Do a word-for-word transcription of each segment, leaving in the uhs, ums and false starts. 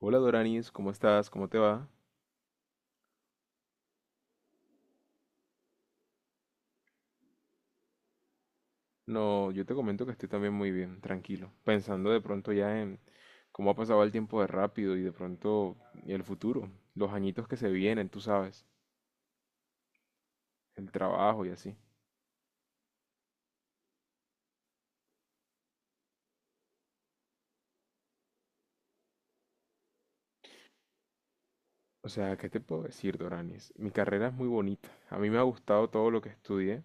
Hola Doranis, ¿cómo estás? ¿Cómo te va? No, yo te comento que estoy también muy bien, tranquilo, pensando de pronto ya en cómo ha pasado el tiempo de rápido y de pronto el futuro, los añitos que se vienen, tú sabes, el trabajo y así. O sea, ¿qué te puedo decir, Doranis? Mi carrera es muy bonita, a mí me ha gustado todo lo que estudié,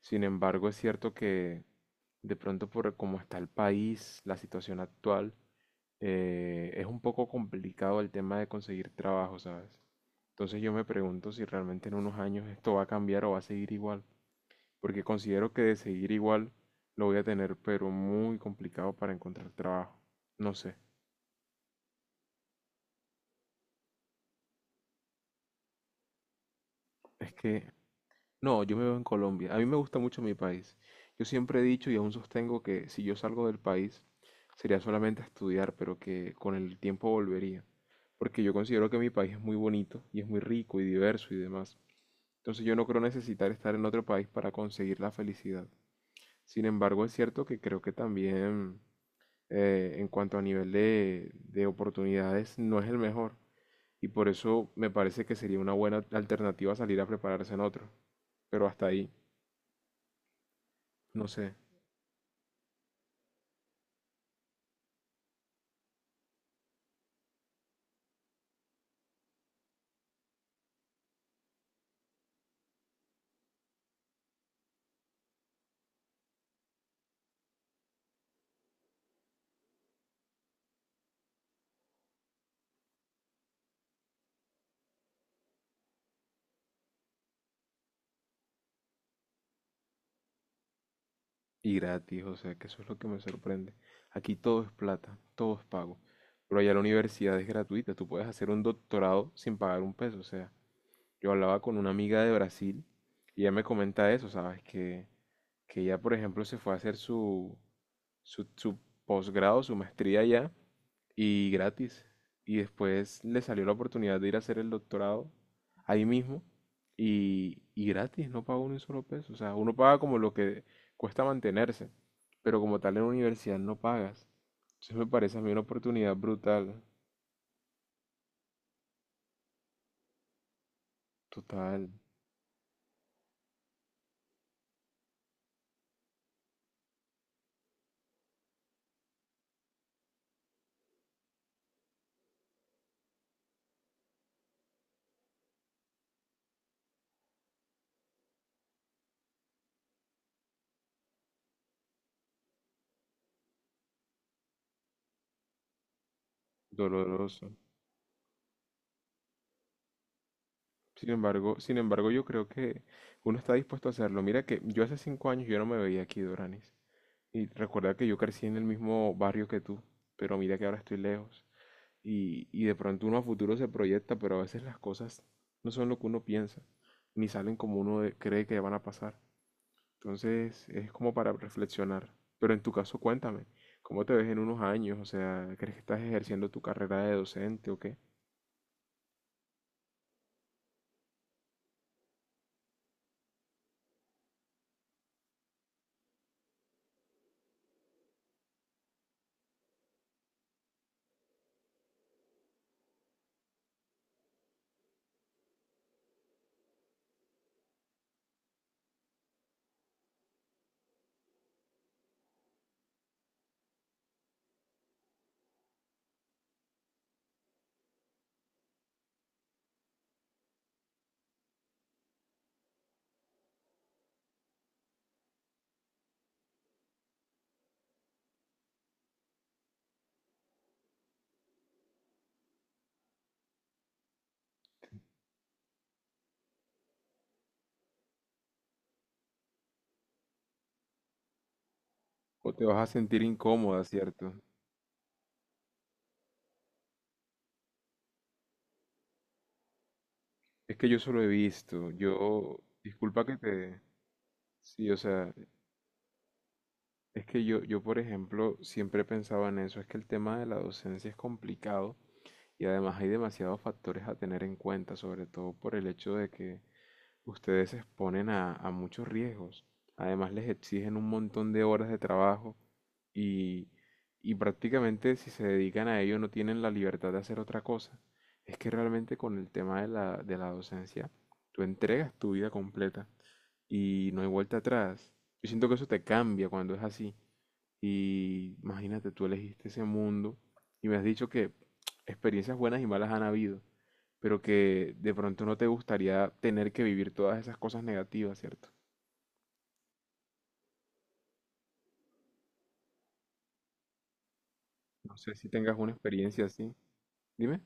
sin embargo es cierto que de pronto por cómo está el país, la situación actual, eh, es un poco complicado el tema de conseguir trabajo, ¿sabes? Entonces yo me pregunto si realmente en unos años esto va a cambiar o va a seguir igual, porque considero que de seguir igual lo voy a tener, pero muy complicado para encontrar trabajo. No sé, es que no, yo me veo en Colombia. A mí me gusta mucho mi país. Yo siempre he dicho y aún sostengo que si yo salgo del país sería solamente a estudiar, pero que con el tiempo volvería, porque yo considero que mi país es muy bonito y es muy rico y diverso y demás. Entonces yo no creo necesitar estar en otro país para conseguir la felicidad. Sin embargo, es cierto que creo que también eh, en cuanto a nivel de, de oportunidades no es el mejor. Y por eso me parece que sería una buena alternativa salir a prepararse en otro. Pero hasta ahí, no sé. Y gratis, o sea, que eso es lo que me sorprende. Aquí todo es plata, todo es pago. Pero allá la universidad es gratuita, tú puedes hacer un doctorado sin pagar un peso, o sea, yo hablaba con una amiga de Brasil y ella me comenta eso, ¿sabes? Que, que ella, por ejemplo, se fue a hacer su, su, su posgrado, su maestría allá y gratis. Y después le salió la oportunidad de ir a hacer el doctorado ahí mismo y, y gratis, no pagó ni un solo peso. O sea, uno paga como lo que cuesta mantenerse, pero como tal en la universidad no pagas. Entonces me parece a mí una oportunidad brutal, total, doloroso. Sin embargo, sin embargo, yo creo que uno está dispuesto a hacerlo. Mira que yo hace cinco años yo no me veía aquí, Doranis. Y recuerda que yo crecí en el mismo barrio que tú, pero mira que ahora estoy lejos. Y, y de pronto uno a futuro se proyecta, pero a veces las cosas no son lo que uno piensa, ni salen como uno de- cree que van a pasar. Entonces es como para reflexionar. Pero en tu caso, cuéntame, ¿cómo te ves en unos años? O sea, ¿crees que estás ejerciendo tu carrera de docente o qué? ¿O te vas a sentir incómoda, cierto? Es que yo solo he visto, yo, disculpa que te, sí, o sea, es que yo, yo por ejemplo siempre pensaba en eso, es que el tema de la docencia es complicado y además hay demasiados factores a tener en cuenta, sobre todo por el hecho de que ustedes se exponen a, a muchos riesgos, además les exigen un montón de horas de trabajo y, y prácticamente si se dedican a ello no tienen la libertad de hacer otra cosa. Es que realmente con el tema de la, de la docencia, tú entregas tu vida completa y no hay vuelta atrás. Yo siento que eso te cambia cuando es así. Y imagínate, tú elegiste ese mundo y me has dicho que experiencias buenas y malas han habido, pero que de pronto no te gustaría tener que vivir todas esas cosas negativas, ¿cierto? No sé si tengas una experiencia así. Dime.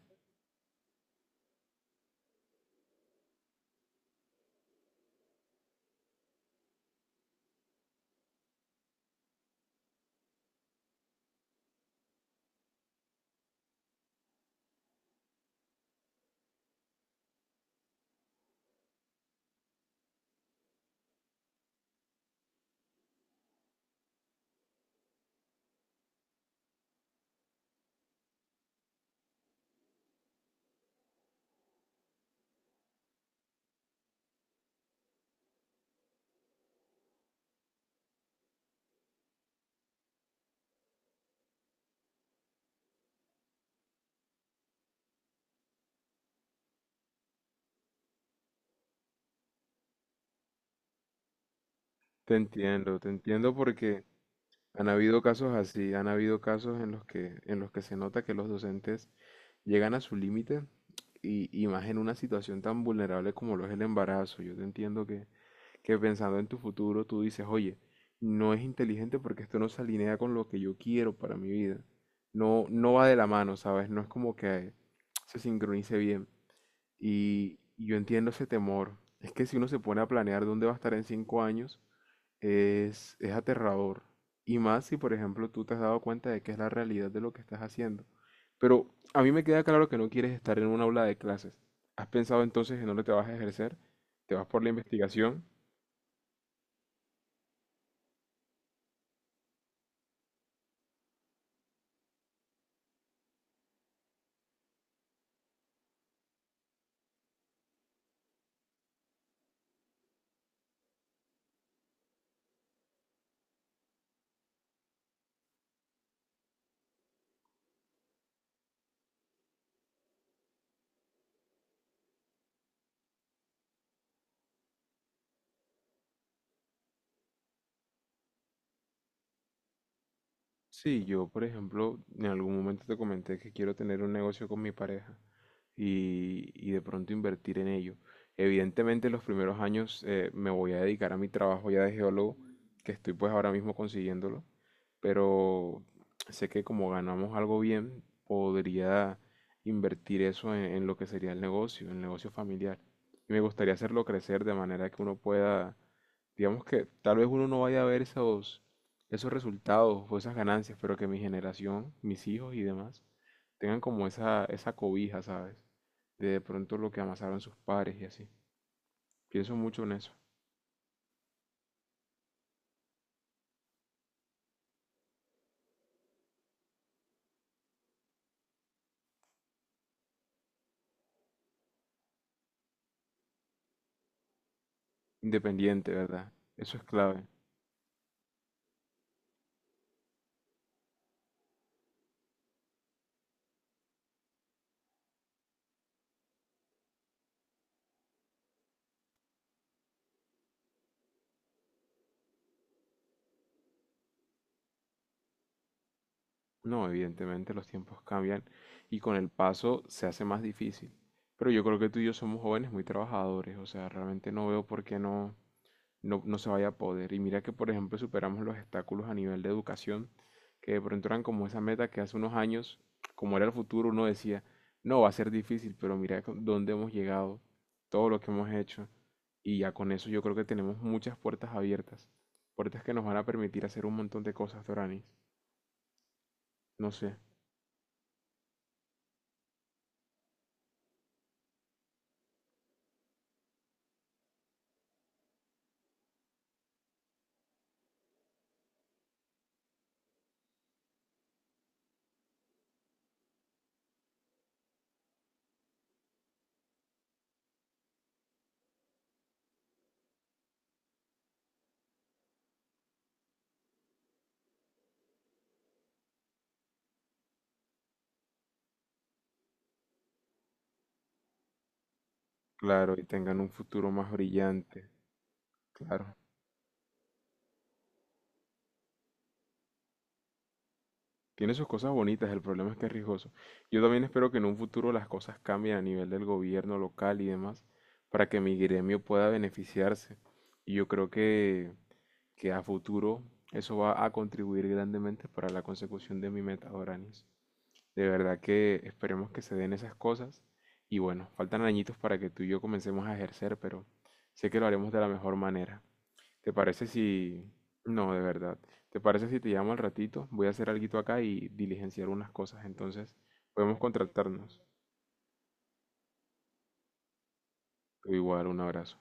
Te entiendo, te entiendo porque han habido casos así, han habido casos en los que, en los que se nota que los docentes llegan a su límite y, y más en una situación tan vulnerable como lo es el embarazo. Yo te entiendo que pensando en tu futuro tú dices, oye, no es inteligente porque esto no se alinea con lo que yo quiero para mi vida. No, no va de la mano, ¿sabes? No es como que se sincronice bien. Y, y yo entiendo ese temor. Es que si uno se pone a planear dónde va a estar en cinco años, es, es aterrador. Y más si, por ejemplo, tú te has dado cuenta de que es la realidad de lo que estás haciendo. Pero a mí me queda claro que no quieres estar en un aula de clases. ¿Has pensado entonces en dónde te vas a ejercer? ¿Te vas por la investigación? Sí, yo, por ejemplo, en algún momento te comenté que quiero tener un negocio con mi pareja y, y de pronto invertir en ello. Evidentemente, los primeros años eh, me voy a dedicar a mi trabajo ya de geólogo, que estoy pues ahora mismo consiguiéndolo, pero sé que como ganamos algo bien, podría invertir eso en, en lo que sería el negocio, el negocio familiar. Y me gustaría hacerlo crecer de manera que uno pueda, digamos que tal vez uno no vaya a ver esos esos resultados o esas ganancias, pero que mi generación, mis hijos y demás, tengan como esa, esa cobija, ¿sabes? De de pronto lo que amasaron sus padres y así. Pienso mucho en eso. Independiente, ¿verdad? Eso es clave. No, evidentemente los tiempos cambian y con el paso se hace más difícil. Pero yo creo que tú y yo somos jóvenes muy trabajadores, o sea, realmente no veo por qué no, no, no se vaya a poder. Y mira que, por ejemplo, superamos los obstáculos a nivel de educación, que de pronto eran como esa meta que hace unos años, como era el futuro, uno decía, no, va a ser difícil, pero mira con- dónde hemos llegado, todo lo que hemos hecho. Y ya con eso yo creo que tenemos muchas puertas abiertas, puertas que nos van a permitir hacer un montón de cosas, Doranis. No sé, claro, y tengan un futuro más brillante, claro. Tiene sus cosas bonitas, el problema es que es riesgoso. Yo también espero que en un futuro las cosas cambien a nivel del gobierno local y demás, para que mi gremio pueda beneficiarse. Y yo creo que, que a futuro eso va a contribuir grandemente para la consecución de mi meta, Doranis. De verdad que esperemos que se den esas cosas. Y bueno, faltan añitos para que tú y yo comencemos a ejercer, pero sé que lo haremos de la mejor manera. ¿Te parece si... No, de verdad. ¿Te parece si te llamo al ratito? Voy a hacer alguito acá y diligenciar unas cosas, entonces podemos contactarnos. Igual, un abrazo.